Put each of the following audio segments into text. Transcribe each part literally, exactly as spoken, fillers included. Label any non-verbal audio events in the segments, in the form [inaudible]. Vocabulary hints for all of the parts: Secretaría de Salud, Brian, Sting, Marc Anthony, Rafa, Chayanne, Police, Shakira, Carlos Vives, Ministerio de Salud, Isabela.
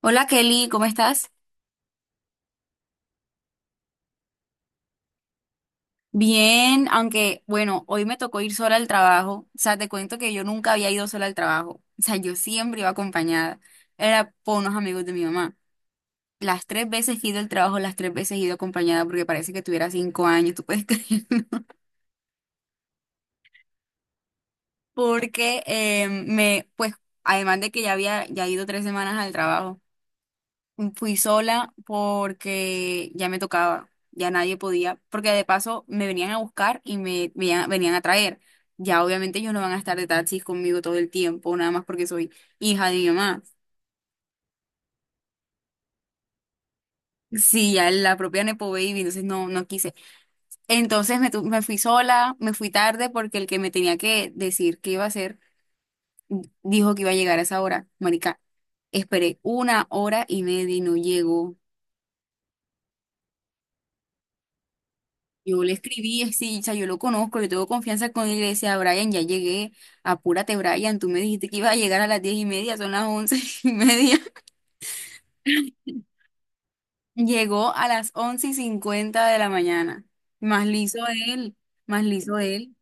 Hola Kelly, ¿cómo estás? Bien, aunque bueno, hoy me tocó ir sola al trabajo. O sea, te cuento que yo nunca había ido sola al trabajo. O sea, yo siempre iba acompañada. Era por unos amigos de mi mamá. Las tres veces que he ido al trabajo, las tres veces he ido acompañada porque parece que tuviera cinco años. ¿Tú puedes creerlo? [laughs] Porque eh, me, pues, además de que ya había ya ido tres semanas al trabajo. Fui sola porque ya me tocaba, ya nadie podía, porque de paso me venían a buscar y me, me ya- venían a traer. Ya obviamente ellos no van a estar de taxis conmigo todo el tiempo, nada más porque soy hija de mi mamá. Sí, ya la propia Nepo Baby, entonces no, no quise. Entonces me, tu- me fui sola, me fui tarde porque el que me tenía que decir qué iba a hacer dijo que iba a llegar a esa hora. Marica, esperé una hora y media y no llegó. Yo le escribí, así, o sea, yo lo conozco, yo tengo confianza con él, y le decía: "Brian, ya llegué, apúrate. Brian, tú me dijiste que ibas a llegar a las diez y media, son las once [laughs] y media". Llegó a las once y cincuenta de la mañana. Más liso él, más liso él.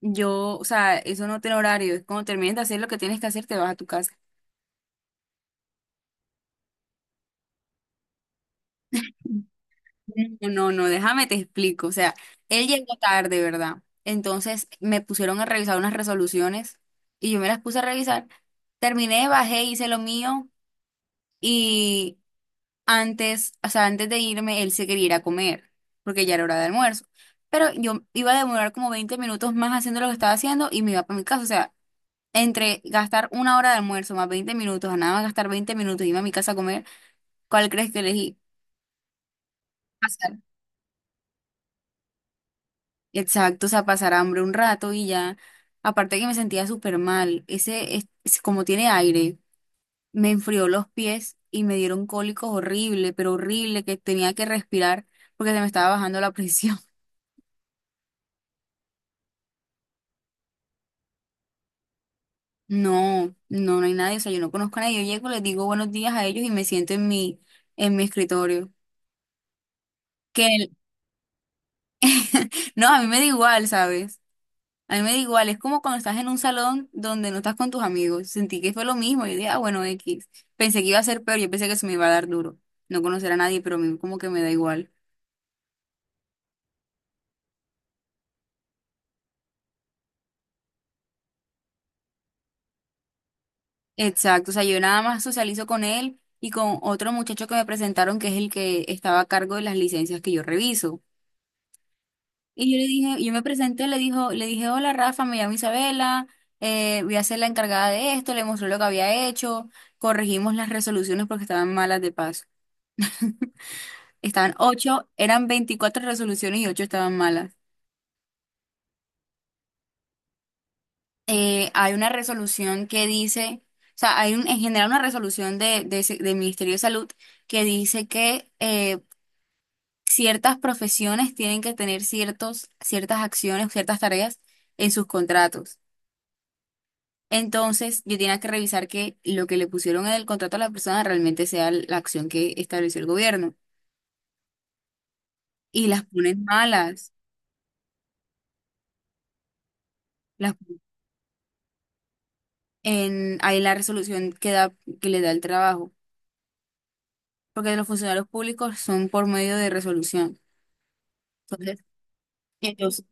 Yo, o sea, eso no tiene horario, es cuando termines de hacer lo que tienes que hacer, te vas a tu casa. No, no, no, déjame te explico, o sea, él llegó tarde, ¿verdad? Entonces me pusieron a revisar unas resoluciones y yo me las puse a revisar. Terminé, bajé, hice lo mío. Y antes, o sea, antes de irme, él se quería ir a comer, porque ya era hora de almuerzo. Pero yo iba a demorar como veinte minutos más haciendo lo que estaba haciendo y me iba para mi casa. O sea, entre gastar una hora de almuerzo más veinte minutos, a nada más gastar veinte minutos y irme a mi casa a comer, ¿cuál crees que elegí? Pasar. Exacto, o sea, pasar hambre un rato y ya. Aparte que me sentía súper mal. Ese, es, es- como tiene aire, me enfrió los pies y me dieron cólicos horrible, pero horrible, que tenía que respirar porque se me estaba bajando la [laughs] presión. No, no, no hay nadie, o sea, yo no conozco a nadie. Yo llego, les digo buenos días a ellos y me siento en mi, en mi escritorio. Que el- no, a mí me da igual, ¿sabes? A mí me da igual, es como cuando estás en un salón donde no estás con tus amigos. Sentí que fue lo mismo, yo dije: "Ah, bueno, equis". Pensé que iba a ser peor, yo pensé que se me iba a dar duro. No conocer a nadie, pero a mí como que me da igual. Exacto, o sea, yo nada más socializo con él y con otro muchacho que me presentaron, que es el que estaba a cargo de las licencias que yo reviso. Y yo le dije, yo me presenté, le dijo, le dije: "Hola Rafa, me llamo Isabela, eh, voy a ser la encargada de esto". Le mostré lo que había hecho, corregimos las resoluciones porque estaban malas de paso. Estaban ocho, eran veinticuatro resoluciones y ocho estaban malas. Eh, hay una resolución que dice, o sea, hay un- en general una resolución de, de se- del Ministerio de Salud que dice que eh, ciertas profesiones tienen que tener ciertos, ciertas acciones, ciertas tareas en sus contratos. Entonces, yo tenía que revisar que lo que le pusieron en el contrato a la persona realmente sea la acción que estableció el gobierno. Y las ponen malas. Las, en, Ahí la resolución que da, que le da el trabajo. Porque los funcionarios públicos son por medio de resolución. Entonces,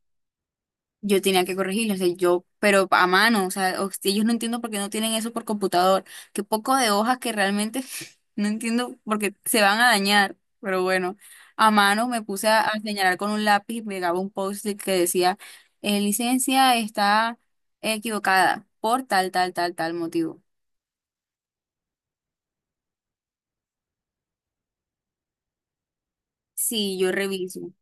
yo tenía que corregirlo, o sea, yo, pero a mano, o sea, o- si ellos no entiendo por qué no tienen eso por computador. Qué poco de hojas que realmente [laughs] no entiendo porque se van a dañar, pero bueno, a mano me puse a, a señalar con un lápiz y pegaba un post-it que decía: eh, Licencia está equivocada por tal, tal, tal, tal motivo". Sí, yo reviso.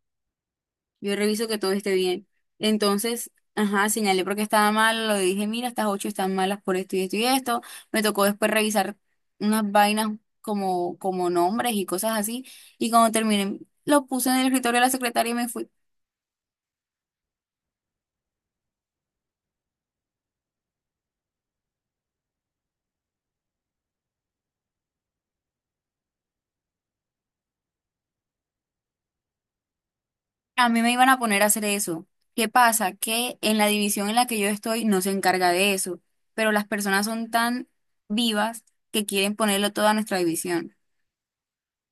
Yo reviso que todo esté bien. Entonces, ajá, señalé porque estaba mal, lo dije: "Mira, estas ocho están malas por esto y esto y esto". Me tocó después revisar unas vainas como, como nombres y cosas así. Y cuando terminé, lo puse en el escritorio de la secretaria y me fui. A mí me iban a poner a hacer eso. ¿Qué pasa? Que en la división en la que yo estoy no se encarga de eso, pero las personas son tan vivas que quieren ponerlo todo a nuestra división.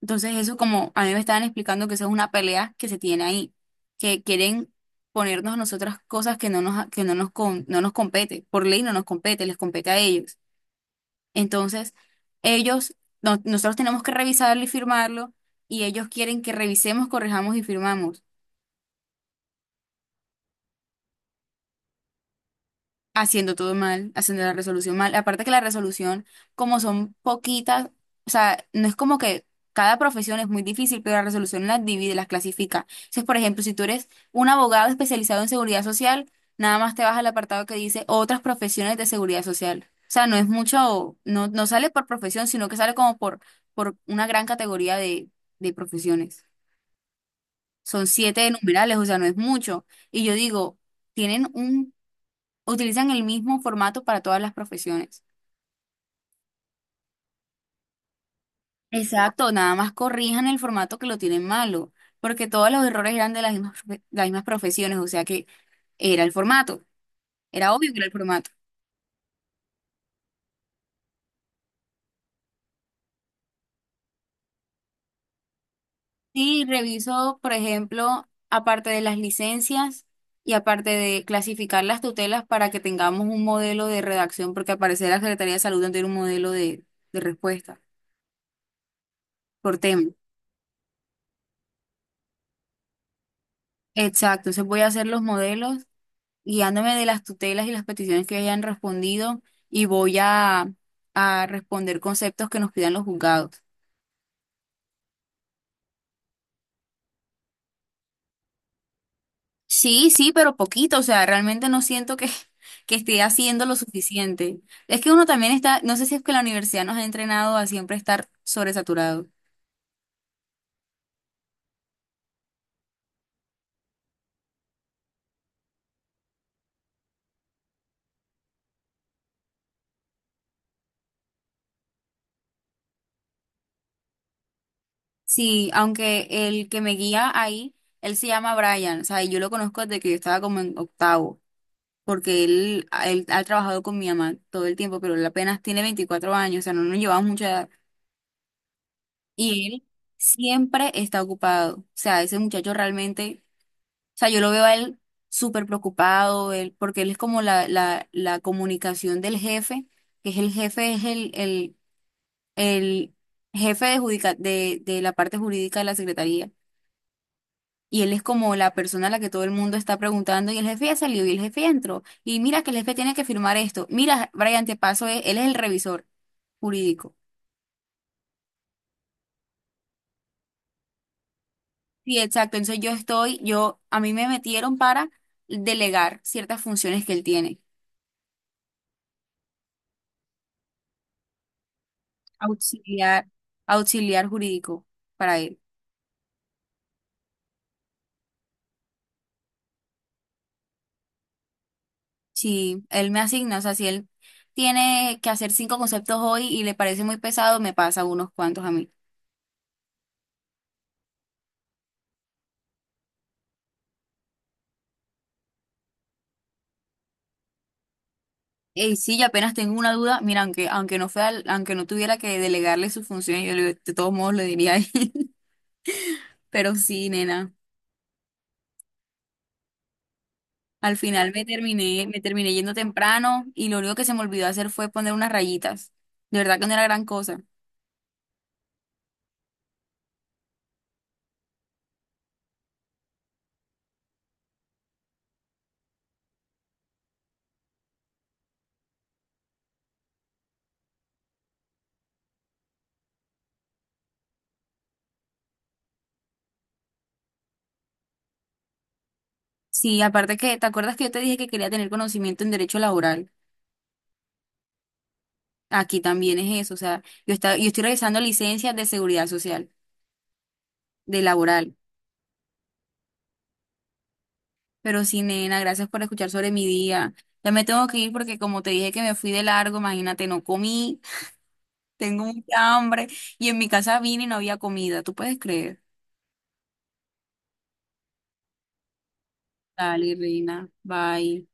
Entonces eso como a mí me estaban explicando, que eso es una pelea que se tiene ahí, que quieren ponernos a nosotras cosas que no nos, que no nos, con- no nos compete, por ley no nos compete, les compete a ellos. Entonces ellos, no- nosotros tenemos que revisarlo y firmarlo y ellos quieren que revisemos, corrijamos y firmamos. Haciendo todo mal, haciendo la resolución mal. Aparte que la resolución, como son poquitas, o sea, no es como que cada profesión es muy difícil, pero la resolución las divide, las clasifica. Entonces, por ejemplo, si tú eres un abogado especializado en seguridad social, nada más te vas al apartado que dice otras profesiones de seguridad social. O sea, no es mucho, no, no sale por profesión, sino que sale como por, por una gran categoría de, de profesiones. Son siete numerales, o sea, no es mucho. Y yo digo, tienen un utilizan el mismo formato para todas las profesiones. Exacto, nada más corrijan el formato que lo tienen malo, porque todos los errores eran de las mismas, profe- las mismas profesiones, o sea que era el formato, era obvio que era el formato. Sí, reviso, por ejemplo, aparte de las licencias y aparte de clasificar las tutelas para que tengamos un modelo de redacción, porque al parecer la Secretaría de Salud no tiene un modelo de, de respuesta por tema. Exacto, entonces voy a hacer los modelos guiándome de las tutelas y las peticiones que hayan respondido y voy a, a responder conceptos que nos pidan los juzgados. Sí, sí, pero poquito, o sea, realmente no siento que, [laughs] que esté haciendo lo suficiente. Es que uno también está, no sé si es que la universidad nos ha entrenado a siempre estar sobresaturado. Sí, aunque el que me guía ahí, él se llama Brian, o sea, y yo lo conozco desde que yo estaba como en octavo, porque él, él ha trabajado con mi mamá todo el tiempo, pero él apenas tiene veinticuatro años, o sea, no nos llevamos mucho. Y él siempre está ocupado. O sea, ese muchacho realmente, o sea, yo lo veo a él súper preocupado, él, porque él es como la, la, la comunicación del jefe, que es el jefe, es el, el, el jefe de, judica- de, de la parte jurídica de la secretaría. Y él es como la persona a la que todo el mundo está preguntando, y el jefe ya salió, y el jefe ya entró. Y mira que el jefe tiene que firmar esto. Mira, Brian, te paso, eh, él es el revisor jurídico. Sí, exacto. Entonces yo estoy, yo, a mí me metieron para delegar ciertas funciones que él tiene, auxiliar, auxiliar jurídico para él. Sí, él me asigna, o sea, si él tiene que hacer cinco conceptos hoy y le parece muy pesado, me pasa unos cuantos a mí. Y sí, yo apenas tengo una duda, mira, aunque, aunque no fuera, aunque no tuviera que delegarle sus funciones, yo le- de todos modos lo diría ahí. [laughs] Pero sí, nena. Al final me terminé, me terminé yendo temprano y lo único que se me olvidó hacer fue poner unas rayitas. De verdad que no era gran cosa. Sí, aparte que, ¿te acuerdas que yo te dije que quería tener conocimiento en derecho laboral? Aquí también es eso, o sea, yo está, yo estoy revisando licencias de seguridad social, de laboral. Pero sí, nena, gracias por escuchar sobre mi día. Ya me tengo que ir porque como te dije que me fui de largo, imagínate, no comí, [laughs] tengo mucha hambre y en mi casa vine y no había comida, ¿tú puedes creer? Dale, reina, bye.